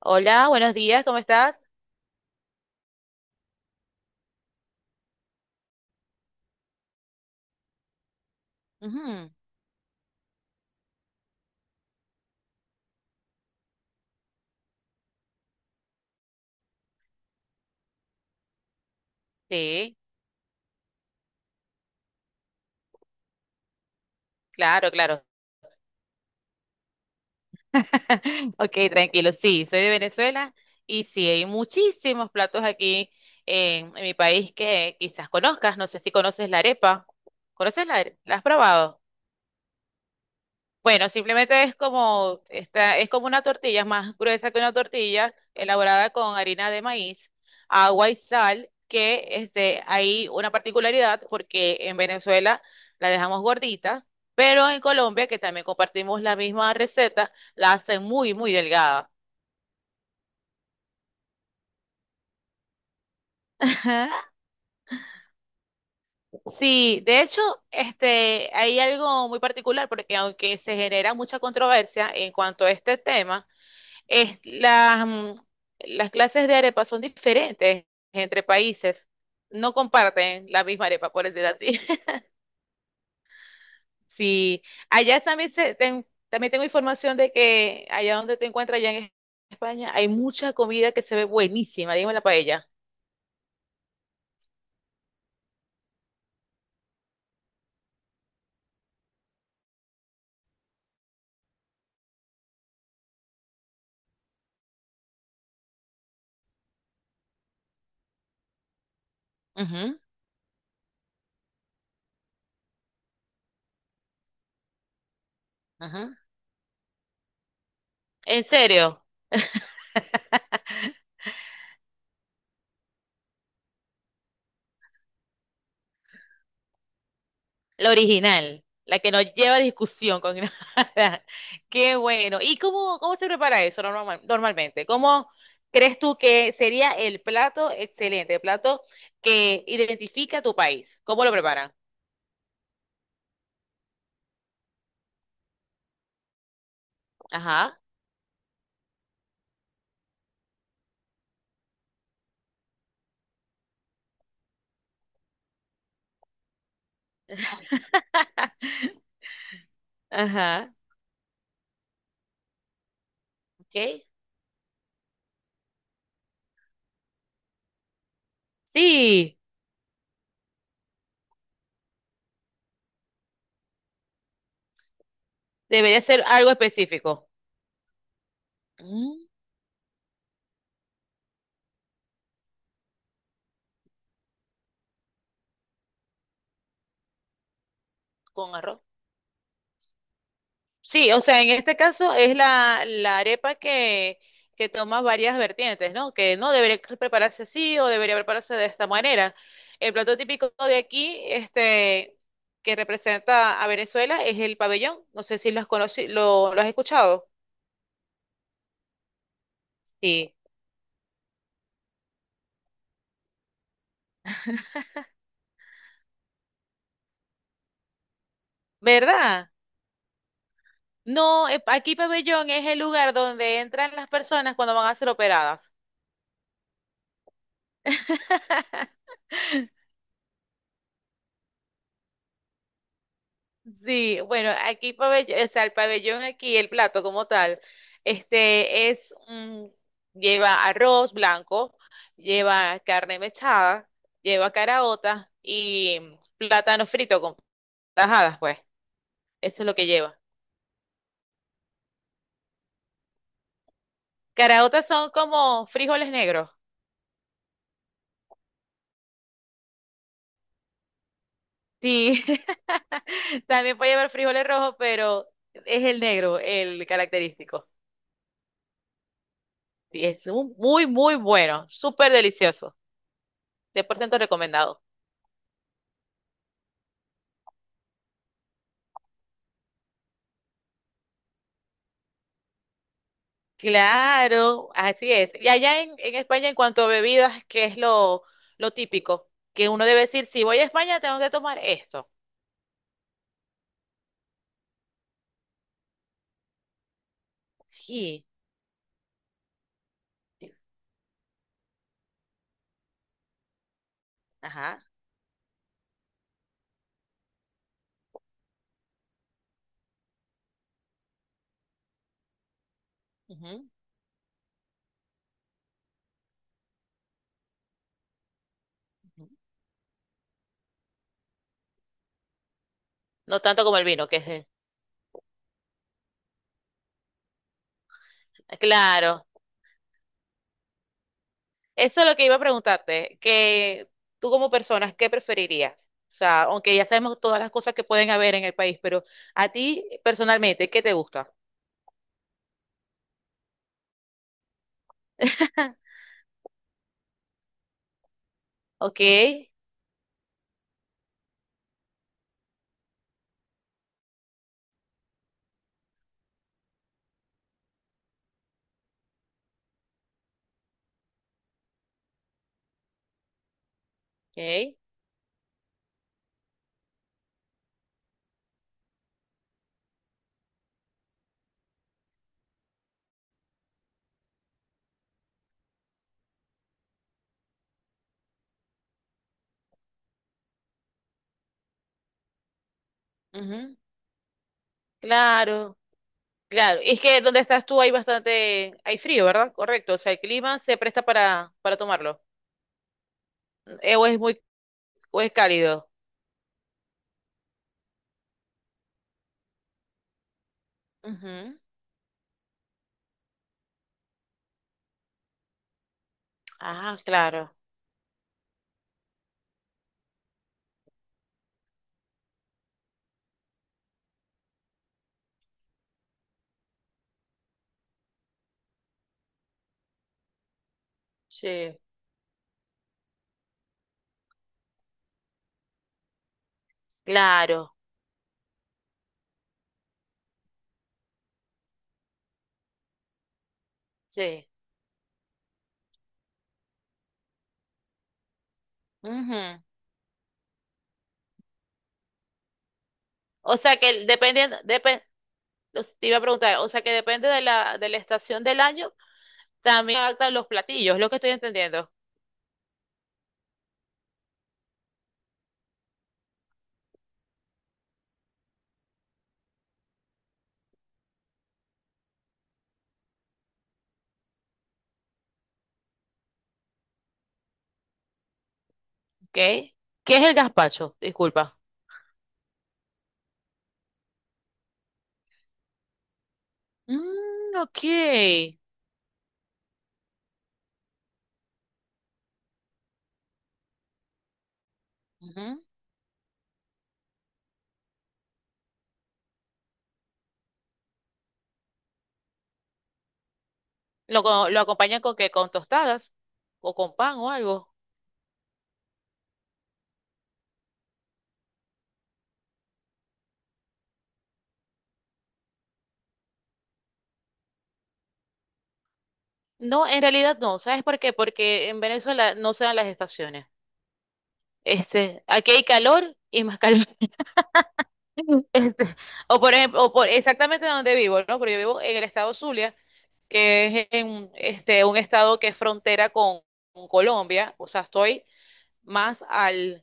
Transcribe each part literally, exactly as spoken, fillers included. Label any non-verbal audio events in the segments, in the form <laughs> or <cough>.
Hola, buenos días, ¿cómo estás? Ujú. Sí, claro, claro. <laughs> Ok, tranquilo, sí, soy de Venezuela y sí, hay muchísimos platos aquí en, en mi país que quizás conozcas, no sé si conoces la arepa. ¿Conoces la arepa? ¿La has probado? Bueno, simplemente es como, esta, es como una tortilla, es más gruesa que una tortilla, elaborada con harina de maíz, agua y sal, que este, hay una particularidad porque en Venezuela la dejamos gordita, pero en Colombia, que también compartimos la misma receta, la hacen muy, muy delgada. Ajá. Sí, de hecho, este, hay algo muy particular porque aunque se genera mucha controversia en cuanto a este tema, Es, las, mm, las clases de arepa son diferentes entre países. No comparten la misma arepa, por decir así. <laughs> Sí, allá también, se- ten- también tengo información de que allá donde te encuentras, allá en España, hay mucha comida que se ve buenísima, dígame la paella. Ujú, ujú. ¿En serio? La original, la que no lleva discusión con <laughs> nada. Qué bueno. ¿Y cómo, cómo se prepara eso normal- normalmente? ¿Cómo crees tú que sería el plato excelente, el plato que identifica tu país? ¿Cómo lo preparan? Ajá, <laughs> ajá, ok. Sí, debería ser algo específico. Mm. Con arroz. Sí, o sea, en este caso es la, la arepa que, que toma varias vertientes, ¿no? Que no debería prepararse así o debería prepararse de esta manera. El plato típico de aquí, este, que representa a Venezuela, es el pabellón. No sé si lo has conoci- lo, lo has escuchado. Sí. ¿Verdad? No, eh, aquí pabellón es el lugar donde entran las personas cuando van a ser operadas. <laughs> Sí, bueno, aquí pabellón, o sea, el pabellón aquí, el plato como tal, este es un- lleva arroz blanco, lleva carne mechada, lleva caraota y plátano frito con tajadas, pues. Eso es lo que lleva. Caraotas son como frijoles negros. Sí. <laughs> También puede llevar frijoles rojos, pero es el negro el característico. Sí, es un- muy, muy bueno, súper delicioso. Cien por ciento recomendado. Claro, así es. Y allá en, en España, en cuanto a bebidas, ¿qué es lo, lo típico? Que uno debe decir, si voy a España, tengo que tomar esto. Sí, ajá. Ujú, ujú. No tanto como el vino, que es... el- Claro. Eso es lo que iba a preguntarte, que tú como persona, ¿qué preferirías? O sea, aunque ya sabemos todas las cosas que pueden haber en el país, pero a ti personalmente, ¿qué te gusta? <laughs> Ok, ok. Ujú. Claro. Claro, y es que donde estás tú hay bastante, hay frío, ¿verdad? Correcto, o sea, el clima se presta para, para tomarlo. Eh, o es muy, o es cálido. Ujú. Ah, claro, sí, claro, sí. Ujú. O sea que dependiendo, depende, te iba a preguntar, o sea que depende de la, de la estación del año, también adaptan los platillos, lo que estoy entendiendo. ¿Ok? ¿Qué es el gazpacho? Disculpa. Mm, ok. Ujú. ¿Lo, co- lo acompañan con qué? ¿Con tostadas? ¿O con pan o algo? No, en realidad no. ¿Sabes por qué? Porque en Venezuela no se dan las estaciones. Este, aquí hay calor y más calor. <laughs> Este, o por ejemplo, o por exactamente donde vivo, ¿no? Porque yo vivo en el estado Zulia, que es en, este, un estado que es frontera con, con Colombia. O sea, estoy más al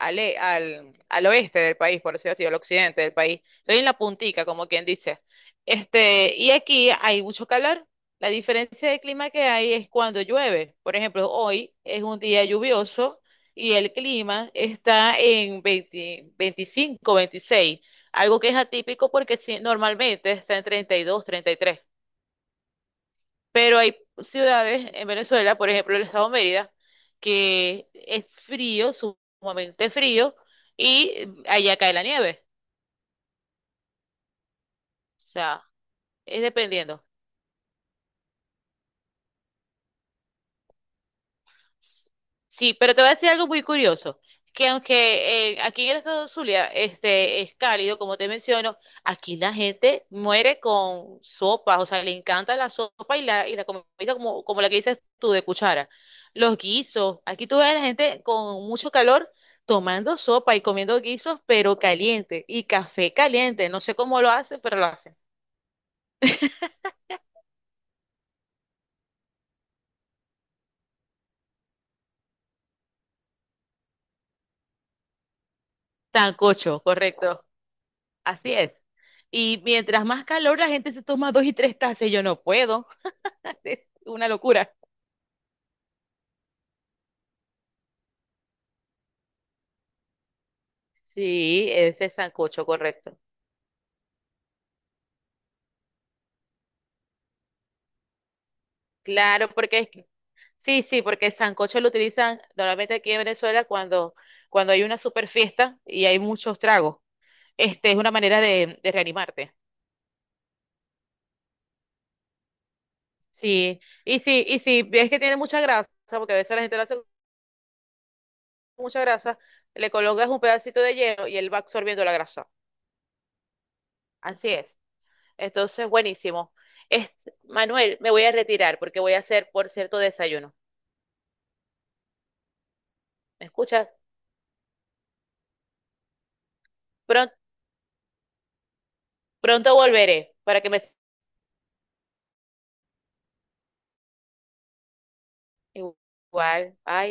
al, e- al, al oeste del país, por decirlo así, al occidente del país. Soy en la puntica, como quien dice. Este, y aquí hay mucho calor. La diferencia de clima que hay es cuando llueve. Por ejemplo, hoy es un día lluvioso y el clima está en veinte veinticinco, veintiséis, algo que es atípico porque si- normalmente está en treinta treinta y dos, treinta y tres. Pero hay ciudades en Venezuela, por ejemplo, el estado Mérida, que es frío, sumamente frío, y allá cae la nieve. O sea, es dependiendo. Sí, pero te voy a decir algo muy curioso, que aunque eh, aquí en el estado de Zulia este, es cálido, como te menciono, aquí la gente muere con sopa, o sea, le encanta la sopa y la, y la comida como, como la que dices tú de cuchara. Los guisos, aquí tú ves a la gente con mucho calor tomando sopa y comiendo guisos, pero caliente, y café caliente, no sé cómo lo hacen, pero lo hacen. Tancocho, correcto, así es. Y mientras más calor la gente se toma dos y tres tazas, y yo no puedo. <laughs> Es una locura. Sí, ese sancocho, correcto. Claro, porque es que- sí, sí, porque el sancocho lo utilizan normalmente aquí en Venezuela cuando, cuando hay una super fiesta y hay muchos tragos. Este es una manera de, de reanimarte. Sí, y sí, y sí, ves que tiene mucha grasa, porque a veces la gente lo hace con mucha grasa, le colocas un pedacito de hielo y él va absorbiendo la grasa. Así es. Entonces, buenísimo. Es, Manuel, me voy a retirar porque voy a hacer, por cierto, desayuno. ¿Me escuchas? Pronto Pronto volveré para que me igual. Ay.